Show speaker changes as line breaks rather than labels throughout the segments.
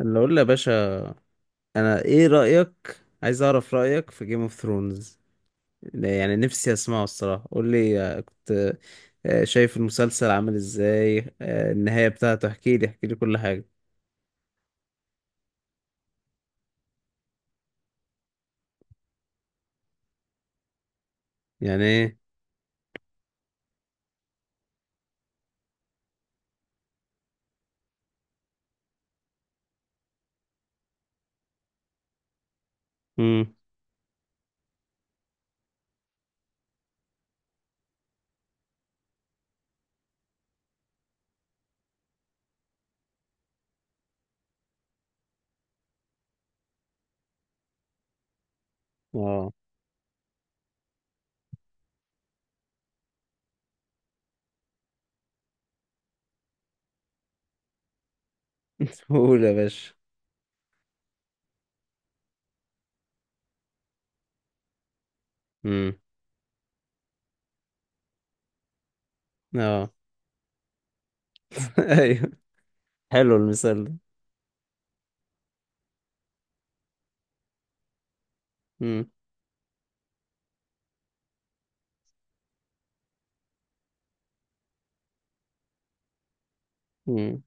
اللي اقول له يا باشا، انا ايه رأيك؟ عايز اعرف رأيك في جيم اوف ثرونز. يعني نفسي اسمعه الصراحة، قول لي. كنت شايف المسلسل عامل ازاي؟ النهاية بتاعته احكي لي احكي لي كل حاجة. يعني ايه؟ امم. اه. قول يا باشا. امم. اه. ايوه. حلو المثال ده. امم. امم.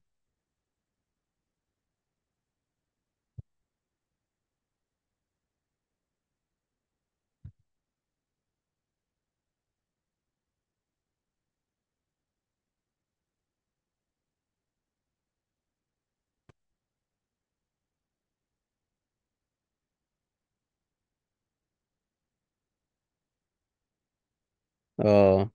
اه.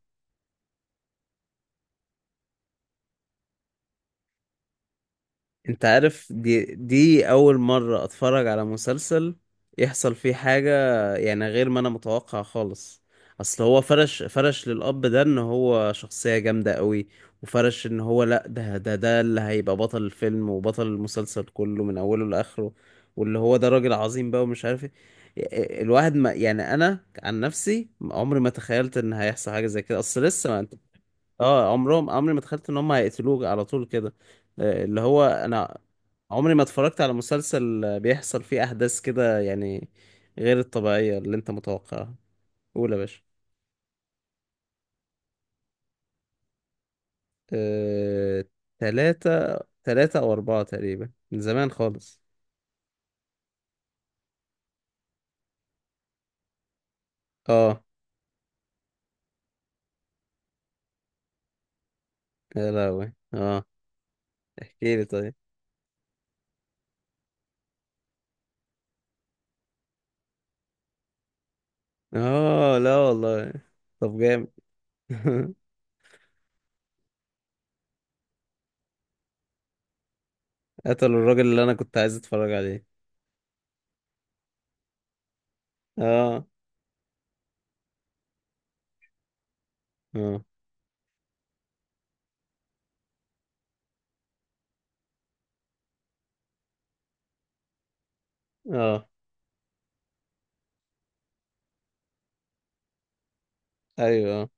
انت عارف، دي اول مرة اتفرج على مسلسل يحصل فيه حاجة يعني غير ما انا متوقع خالص. اصل هو فرش فرش للاب ده ان هو شخصية جامدة قوي، وفرش ان هو لا، ده اللي هيبقى بطل الفيلم وبطل المسلسل كله من اوله لاخره، واللي هو ده راجل عظيم بقى ومش عارف ايه. الواحد ما يعني انا عن نفسي عمري ما تخيلت ان هيحصل حاجة زي كده، اصل لسه ما اه عمرهم عمري ما تخيلت ان هم هيقتلوك على طول كده. اللي هو انا عمري ما اتفرجت على مسلسل بيحصل فيه احداث كده، يعني غير الطبيعية اللي انت متوقعها. قول يا باشا. آه، تلاتة. تلاتة او اربعة تقريبا من زمان خالص. اه. يا لهوي اه. احكي لي طيب. اه لا والله. طب جامد. قتلوا الراجل اللي انا كنت عايز اتفرج عليه. اه. اه. اه. ايوه.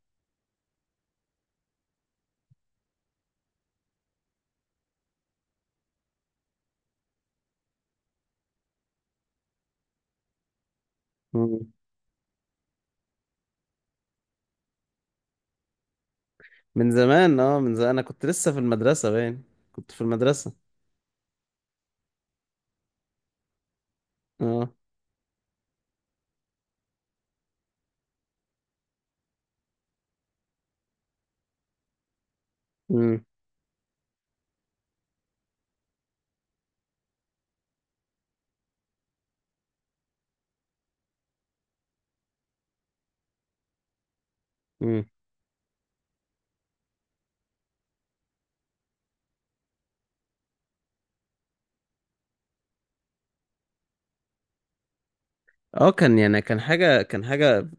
آه. من زمان، اه، من زمان انا كنت لسه في المدرسة باين. كنت في المدرسة. اه. امم. امم. اه. كان، يعني، كان حاجة كان حاجة.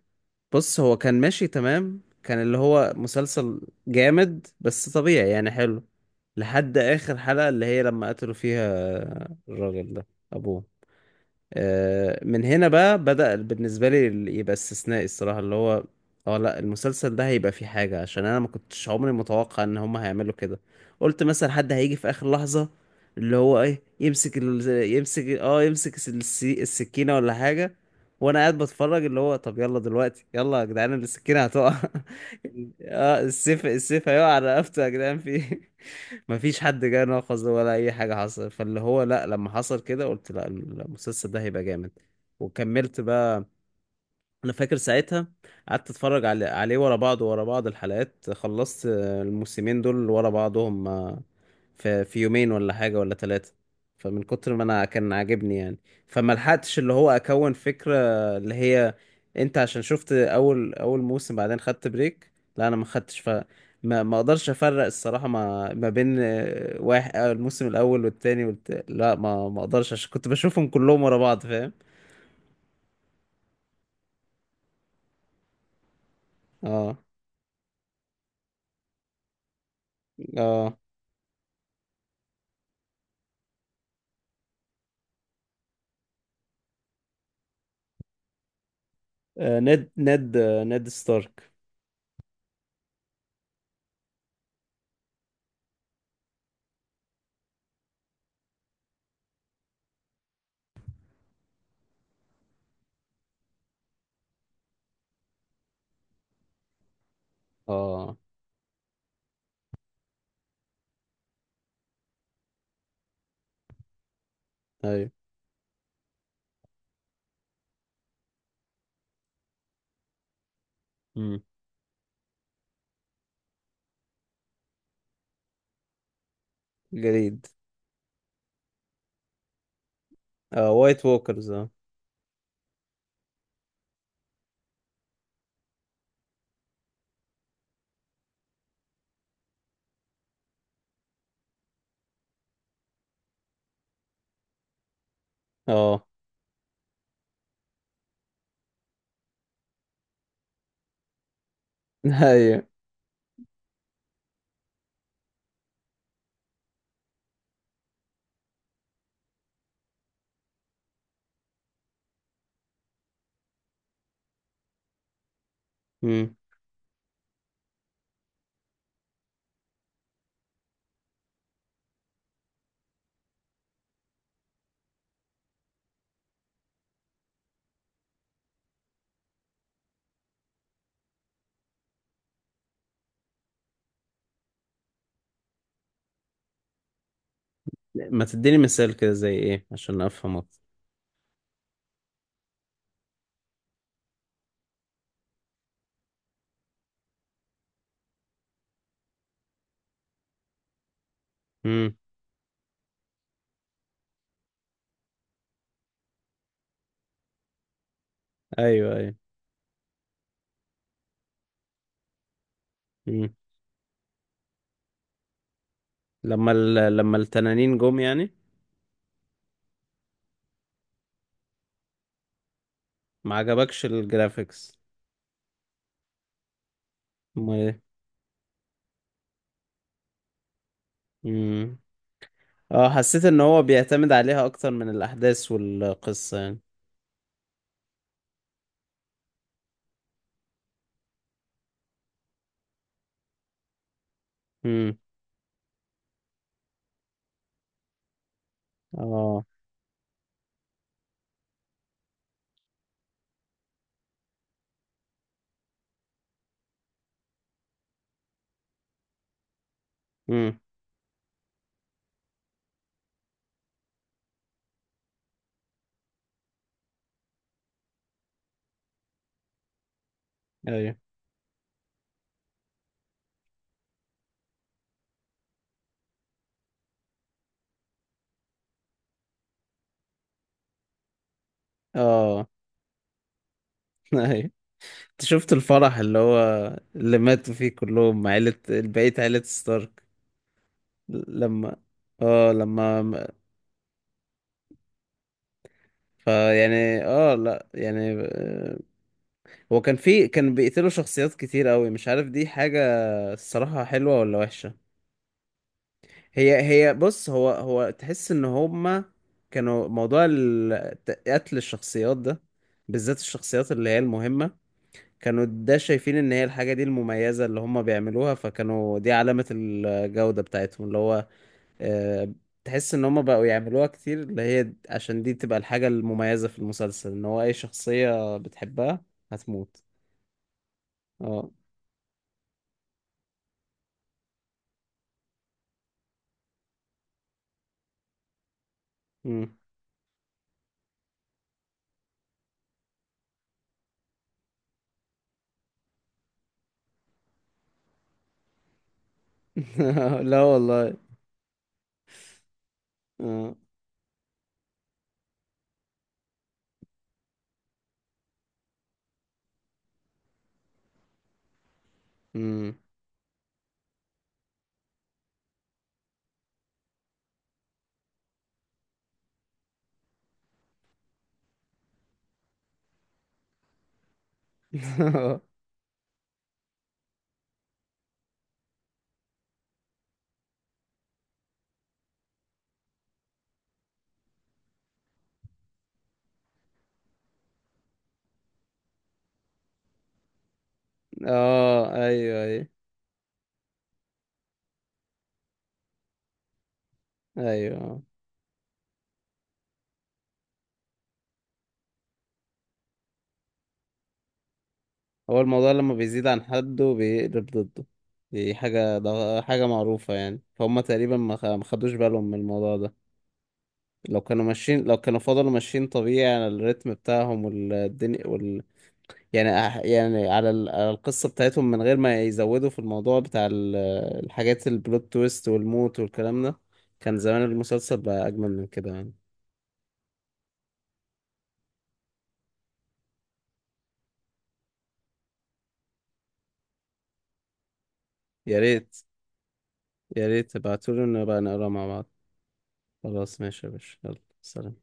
بص، هو كان ماشي تمام، كان اللي هو مسلسل جامد بس طبيعي يعني، حلو لحد آخر حلقة اللي هي لما قتلوا فيها الراجل ده، أبوه. من هنا بقى بدأ بالنسبة لي، يبقى استثنائي الصراحة. اللي هو اه، لا المسلسل ده هيبقى فيه حاجة، عشان انا ما كنتش عمري متوقع ان هما هيعملوا كده. قلت مثلا حد هيجي في اخر لحظة اللي هو ايه، يمسك يمسك اه يمسك السكينة ولا حاجة. وانا قاعد بتفرج اللي هو طب يلا دلوقتي، يلا يا جدعان السكينة هتقع، اه السيف، السيف هيقع على رقبته، يا جدعان في ايه. مفيش حد جه ناقص ده ولا اي حاجه حصل، فاللي هو لا، لما حصل كده قلت لا، المسلسل ده هيبقى جامد وكملت بقى. انا فاكر ساعتها قعدت اتفرج عليه ورا بعض ورا بعض، الحلقات خلصت الموسمين دول ورا بعضهم. آه، في في يومين ولا حاجة ولا ثلاثة، فمن كتر ما انا كان عاجبني يعني. فما لحقتش اللي هو اكون فكرة اللي هي انت عشان شفت اول موسم بعدين خدت بريك. لا انا ما خدتش، ف ما ما اقدرش افرق الصراحة ما ما بين واحد الموسم الاول والتاني لا ما ما اقدرش عشان كنت بشوفهم كلهم ورا بعض، فاهم. اه. اه. نيد ستارك. اه ايوه. امم. جديد. اه وايت ووكرز اه. اه. ايوه. مم. ما تديني مثال كده زي ايه عشان افهم اكتر؟ امم. ايوه ايوه. امم. لما لما التنانين جم يعني. ما عجبكش الجرافيكس؟ امال ايه. امم. اه حسيت ان هو بيعتمد عليها اكتر من الاحداث والقصة يعني. امم. اه. امم. ايوه. اه. ايوه. انت شفت الفرح اللي هو اللي ماتوا فيه كلهم عيلة، بقية عيلة ستارك؟ لما اه، لما فيعني اه لا يعني هو كان بيقتلوا شخصيات كتير قوي. مش عارف دي حاجة الصراحة حلوة ولا وحشة. هي هي بص، هو هو تحس ان هما كانوا موضوع قتل الشخصيات ده، بالذات الشخصيات اللي هي المهمة، كانوا ده شايفين ان هي الحاجة دي المميزة اللي هما بيعملوها، فكانوا دي علامة الجودة بتاعتهم، اللي هو آه، تحس ان هما بقوا يعملوها كتير، اللي هي عشان دي تبقى الحاجة المميزة في المسلسل، ان هو اي شخصية بتحبها هتموت. اه. مم. لا والله. اه. امم. اه ايوه ايوه ايوه. هو الموضوع لما بيزيد عن حده بيقلب ضده، دي حاجة، ده حاجة معروفة يعني، فهم تقريبا ما ما خدوش بالهم من الموضوع ده. لو كانوا ماشيين، لو كانوا فضلوا ماشيين طبيعي على الريتم بتاعهم والدنيا يعني يعني على على القصة بتاعتهم من غير ما يزودوا في الموضوع بتاع الحاجات البلوت تويست والموت والكلام ده. كان زمان المسلسل بقى أجمل من كده يعني. يا ريت، يا ريت تبعتولي ونبقى نقرا مع بعض. خلاص ماشي يا باشا، يلا سلام.